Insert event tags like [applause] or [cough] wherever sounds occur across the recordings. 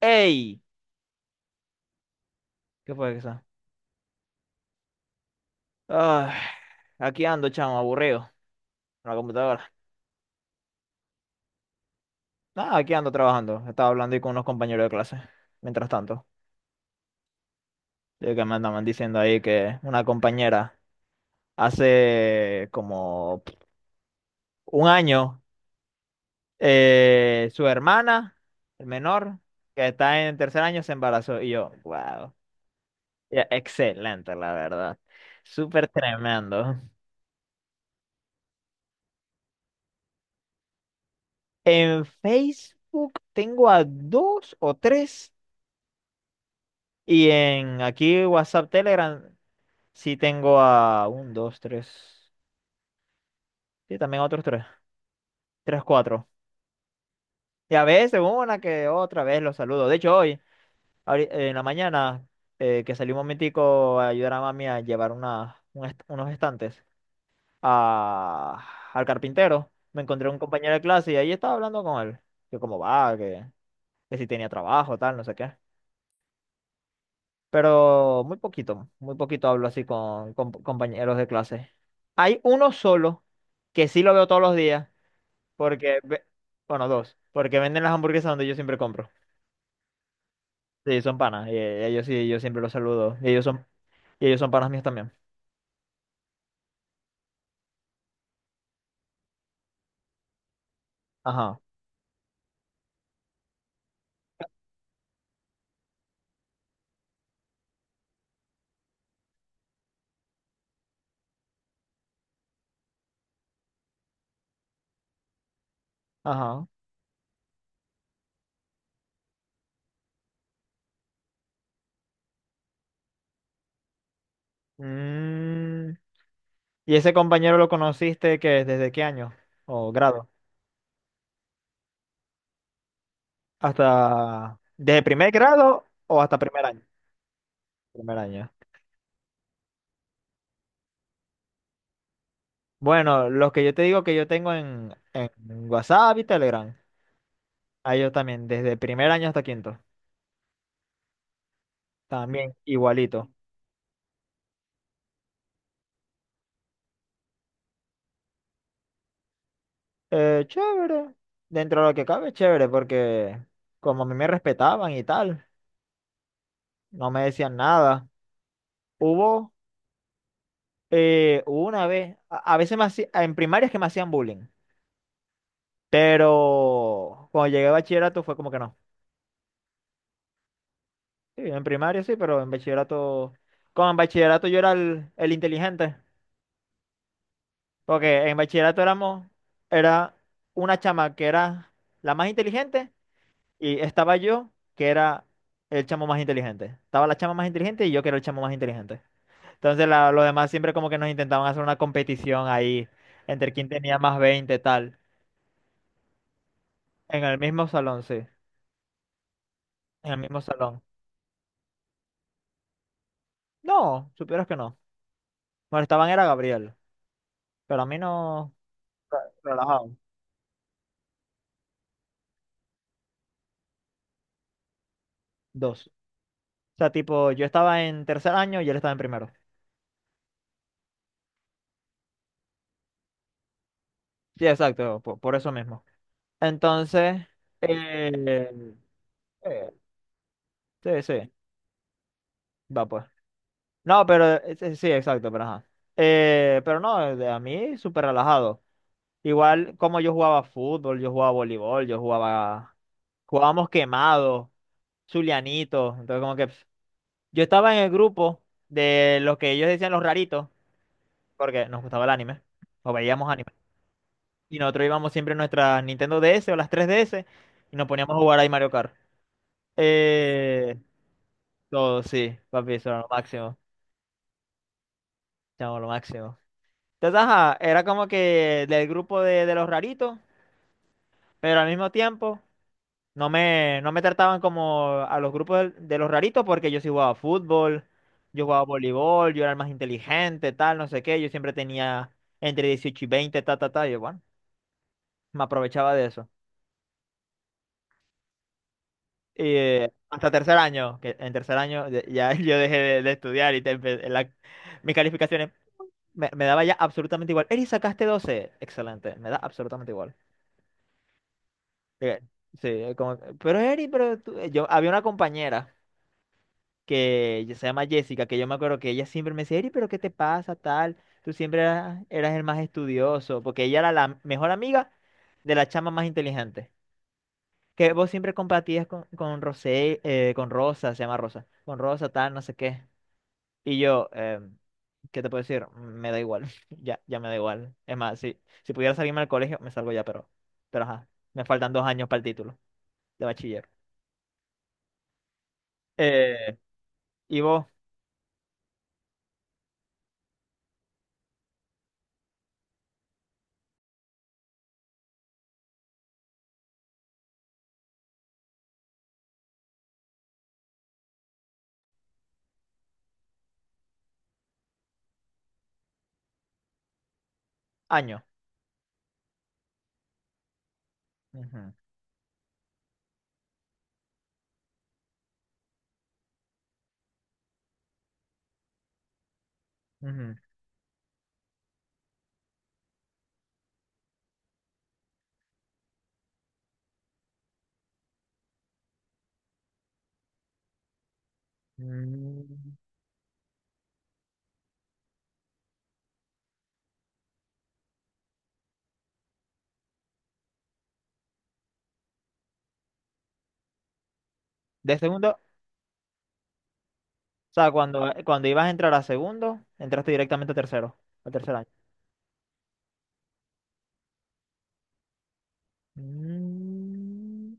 ¡Ey! ¿Qué fue eso? Ay, aquí ando, chamo, aburrido. En la computadora. Nada, aquí ando trabajando. Estaba hablando ahí con unos compañeros de clase. Mientras tanto, de que me andaban diciendo ahí que una compañera hace como un año, su hermana, el menor, que está en tercer año, se embarazó. Y yo, wow. Ya, excelente, la verdad. Súper tremendo. En Facebook tengo a dos o tres. Y en aquí WhatsApp, Telegram, sí tengo a un, dos, tres. Sí, también otros tres. Tres, cuatro. Y a veces una que otra vez los saludo. De hecho, hoy, en la mañana, que salí un momentico a ayudar a mami a llevar unos estantes a- al carpintero, me encontré un compañero de clase y ahí estaba hablando con él. Que cómo va, que si tenía trabajo, tal, no sé qué. Pero muy poquito hablo así con compañeros de clase. Hay uno solo que sí lo veo todos los días, porque, ve- bueno, dos, porque venden las hamburguesas donde yo siempre compro. Sí, son panas, y ellos sí, yo siempre los saludo, y ellos son panas míos también. Ajá, ajá. Mm, ¿Y ese compañero lo conociste que desde qué año o grado? Hasta, ¿desde primer grado o hasta primer año? Primer año. Bueno, los que yo te digo que yo tengo en WhatsApp y Telegram, a ellos también, desde primer año hasta quinto, también igualito. Chévere, dentro de lo que cabe, chévere, porque como a mí me respetaban y tal, no me decían nada. Hubo hubo una vez, a veces en primarias que me hacían bullying, pero cuando llegué a bachillerato fue como que no. Sí, en primaria sí, pero en bachillerato, como en bachillerato yo era el inteligente. Porque en bachillerato era una chama que era la más inteligente y estaba yo, que era el chamo más inteligente. Estaba la chama más inteligente y yo que era el chamo más inteligente. Entonces los demás siempre como que nos intentaban hacer una competición ahí entre quién tenía más 20 tal. En el mismo salón, sí. En el mismo salón. No, supieras que no. Molestaban era a Gabriel, pero a mí no. Relajado. Dos. O sea, tipo, yo estaba en tercer año y él estaba en primero. Sí, exacto, por eso mismo. Entonces, eh, eh, sí, sí, va pues. No, pero sí, sí, exacto, pero ajá. Pero no, a mí súper relajado. Igual como yo jugaba fútbol, yo jugaba voleibol, jugábamos quemado, zulianito, entonces como que pf, yo estaba en el grupo de los que ellos decían los raritos, porque nos gustaba el anime, o veíamos anime. Y nosotros íbamos siempre en nuestra Nintendo DS o las 3DS y nos poníamos a jugar ahí Mario Kart. Eh, Todo, sí, papi, eso era lo máximo. Chamo, lo máximo. Entonces, ajá, era como que del grupo de los raritos, pero al mismo tiempo no me trataban como a los grupos de los raritos porque yo sí jugaba fútbol, yo jugaba voleibol, yo era el más inteligente, tal, no sé qué. Yo siempre tenía entre 18 y 20 ta, ta, ta. Y bueno, me aprovechaba de eso. Y hasta tercer año, que en tercer año ya [laughs] yo dejé de estudiar y mis calificaciones. Me daba ya absolutamente igual. Eri, sacaste 12, excelente. Me da absolutamente igual. Eh, Sí, como, pero Eri, pero tú-". Había una compañera que se llama Jessica, que yo me acuerdo que ella siempre me decía, Eri, pero ¿qué te pasa, tal? Tú siempre eras el más estudioso, porque ella era la mejor amiga de la chama más inteligente. Que vos siempre compartías con Rosé, con Rosa, se llama Rosa, con Rosa, tal, no sé qué. Y yo, ¿qué te puedo decir? Me da igual, [laughs] ya, ya me da igual. Es más, si pudiera salirme al colegio, me salgo ya, pero, ajá, me faltan 2 años para el título de bachiller. Eh, ¿Y vos? Año. Ujú, ujú. Mm, De segundo, o sea, cuando ibas a entrar a segundo, entraste directamente a tercero, al tercer año. Mm,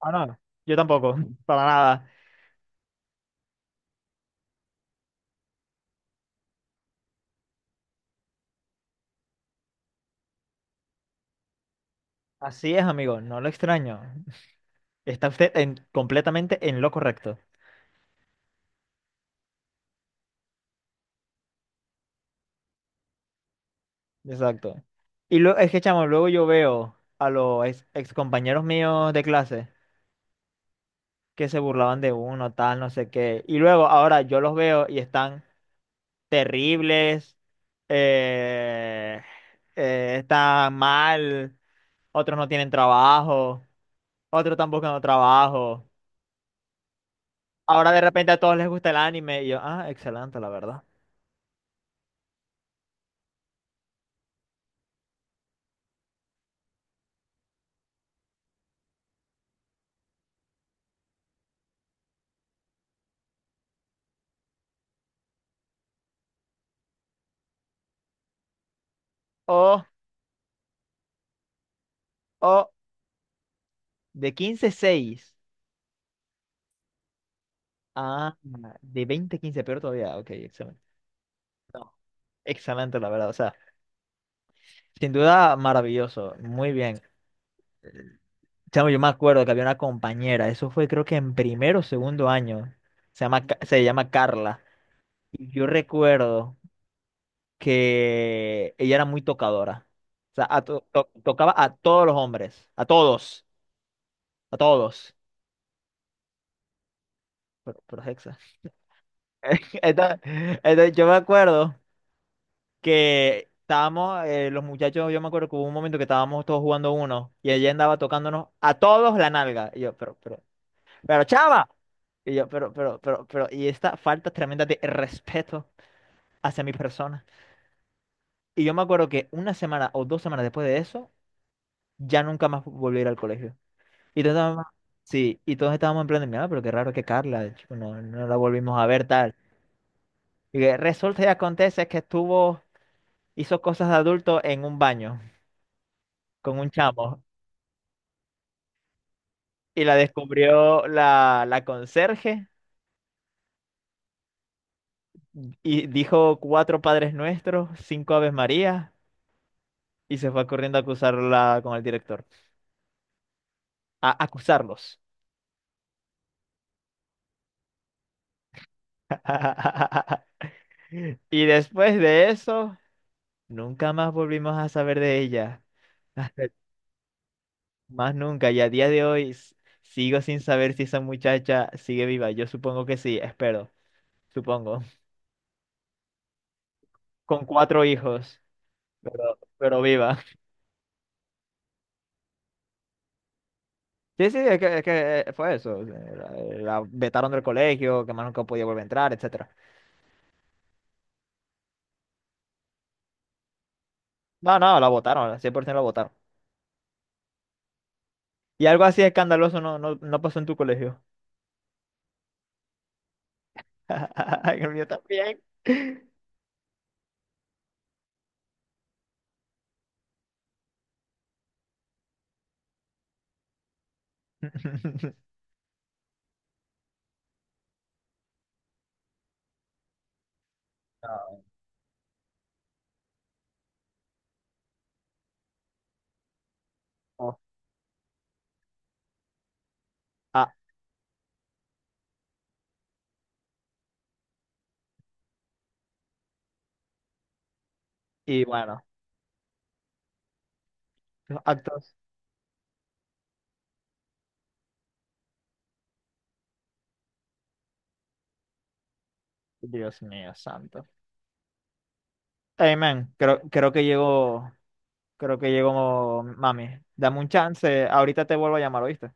Ah, no, no, yo tampoco, [laughs] para nada. Así es, amigo, no lo extraño. Está usted completamente en lo correcto. Exacto. Y luego, es que, chamo, luego yo veo a los ex compañeros míos de clase que se burlaban de uno, tal, no sé qué. Y luego, ahora yo los veo y están terribles, eh, están mal, otros no tienen trabajo, otros están buscando trabajo. Ahora de repente a todos les gusta el anime y yo, ah, excelente, la verdad. Oh, oh, de 15 seis. Ah, de veinte 15 peor todavía. Ok, excelente. No, excelente, la verdad. O sea, sin duda maravilloso. Muy bien. Chamo, yo me acuerdo que había una compañera, eso fue creo que en primero o segundo año, se llama Carla. Y yo recuerdo que ella era muy tocadora. O sea, tocaba a todos los hombres, a todos, a todos. Pero es hexa. [laughs] Entonces, entonces yo me acuerdo. Que estábamos, los muchachos, yo me acuerdo que hubo un momento que estábamos todos jugando uno y ella andaba tocándonos a todos la nalga. Y yo, pero chava. Y yo, pero, y esta falta tremenda de respeto hacia mi persona. Y yo me acuerdo que una semana o 2 semanas después de eso, ya nunca más volví a ir al colegio. Y todos estábamos, sí, y todos estábamos en plan de, mira, pero qué raro que Carla, chico, no, no la volvimos a ver tal. Y que resulta y acontece que hizo cosas de adulto en un baño con un chamo. Y la descubrió la conserje y dijo cuatro Padres Nuestros, cinco Aves Marías y se fue corriendo a acusarla con el director. A acusarlos. [laughs] Y después de eso, nunca más volvimos a saber de ella. [laughs] Hasta- Más nunca. Y a día de hoy sigo sin saber si esa muchacha sigue viva. Yo supongo que sí, espero. Supongo. Con cuatro hijos, pero viva. Sí, sí, es que fue eso. La vetaron del colegio, que más nunca podía volver a entrar, etcétera. No, no, la votaron, 100% la votaron. Y algo así escandaloso no, no, no pasó en tu colegio. [laughs] En el mío también. [laughs] No, no. Ah, y bueno, los actos. Dios mío, santo. Hey, man, creo que llegó mami. Dame un chance, ahorita te vuelvo a llamar, ¿oíste?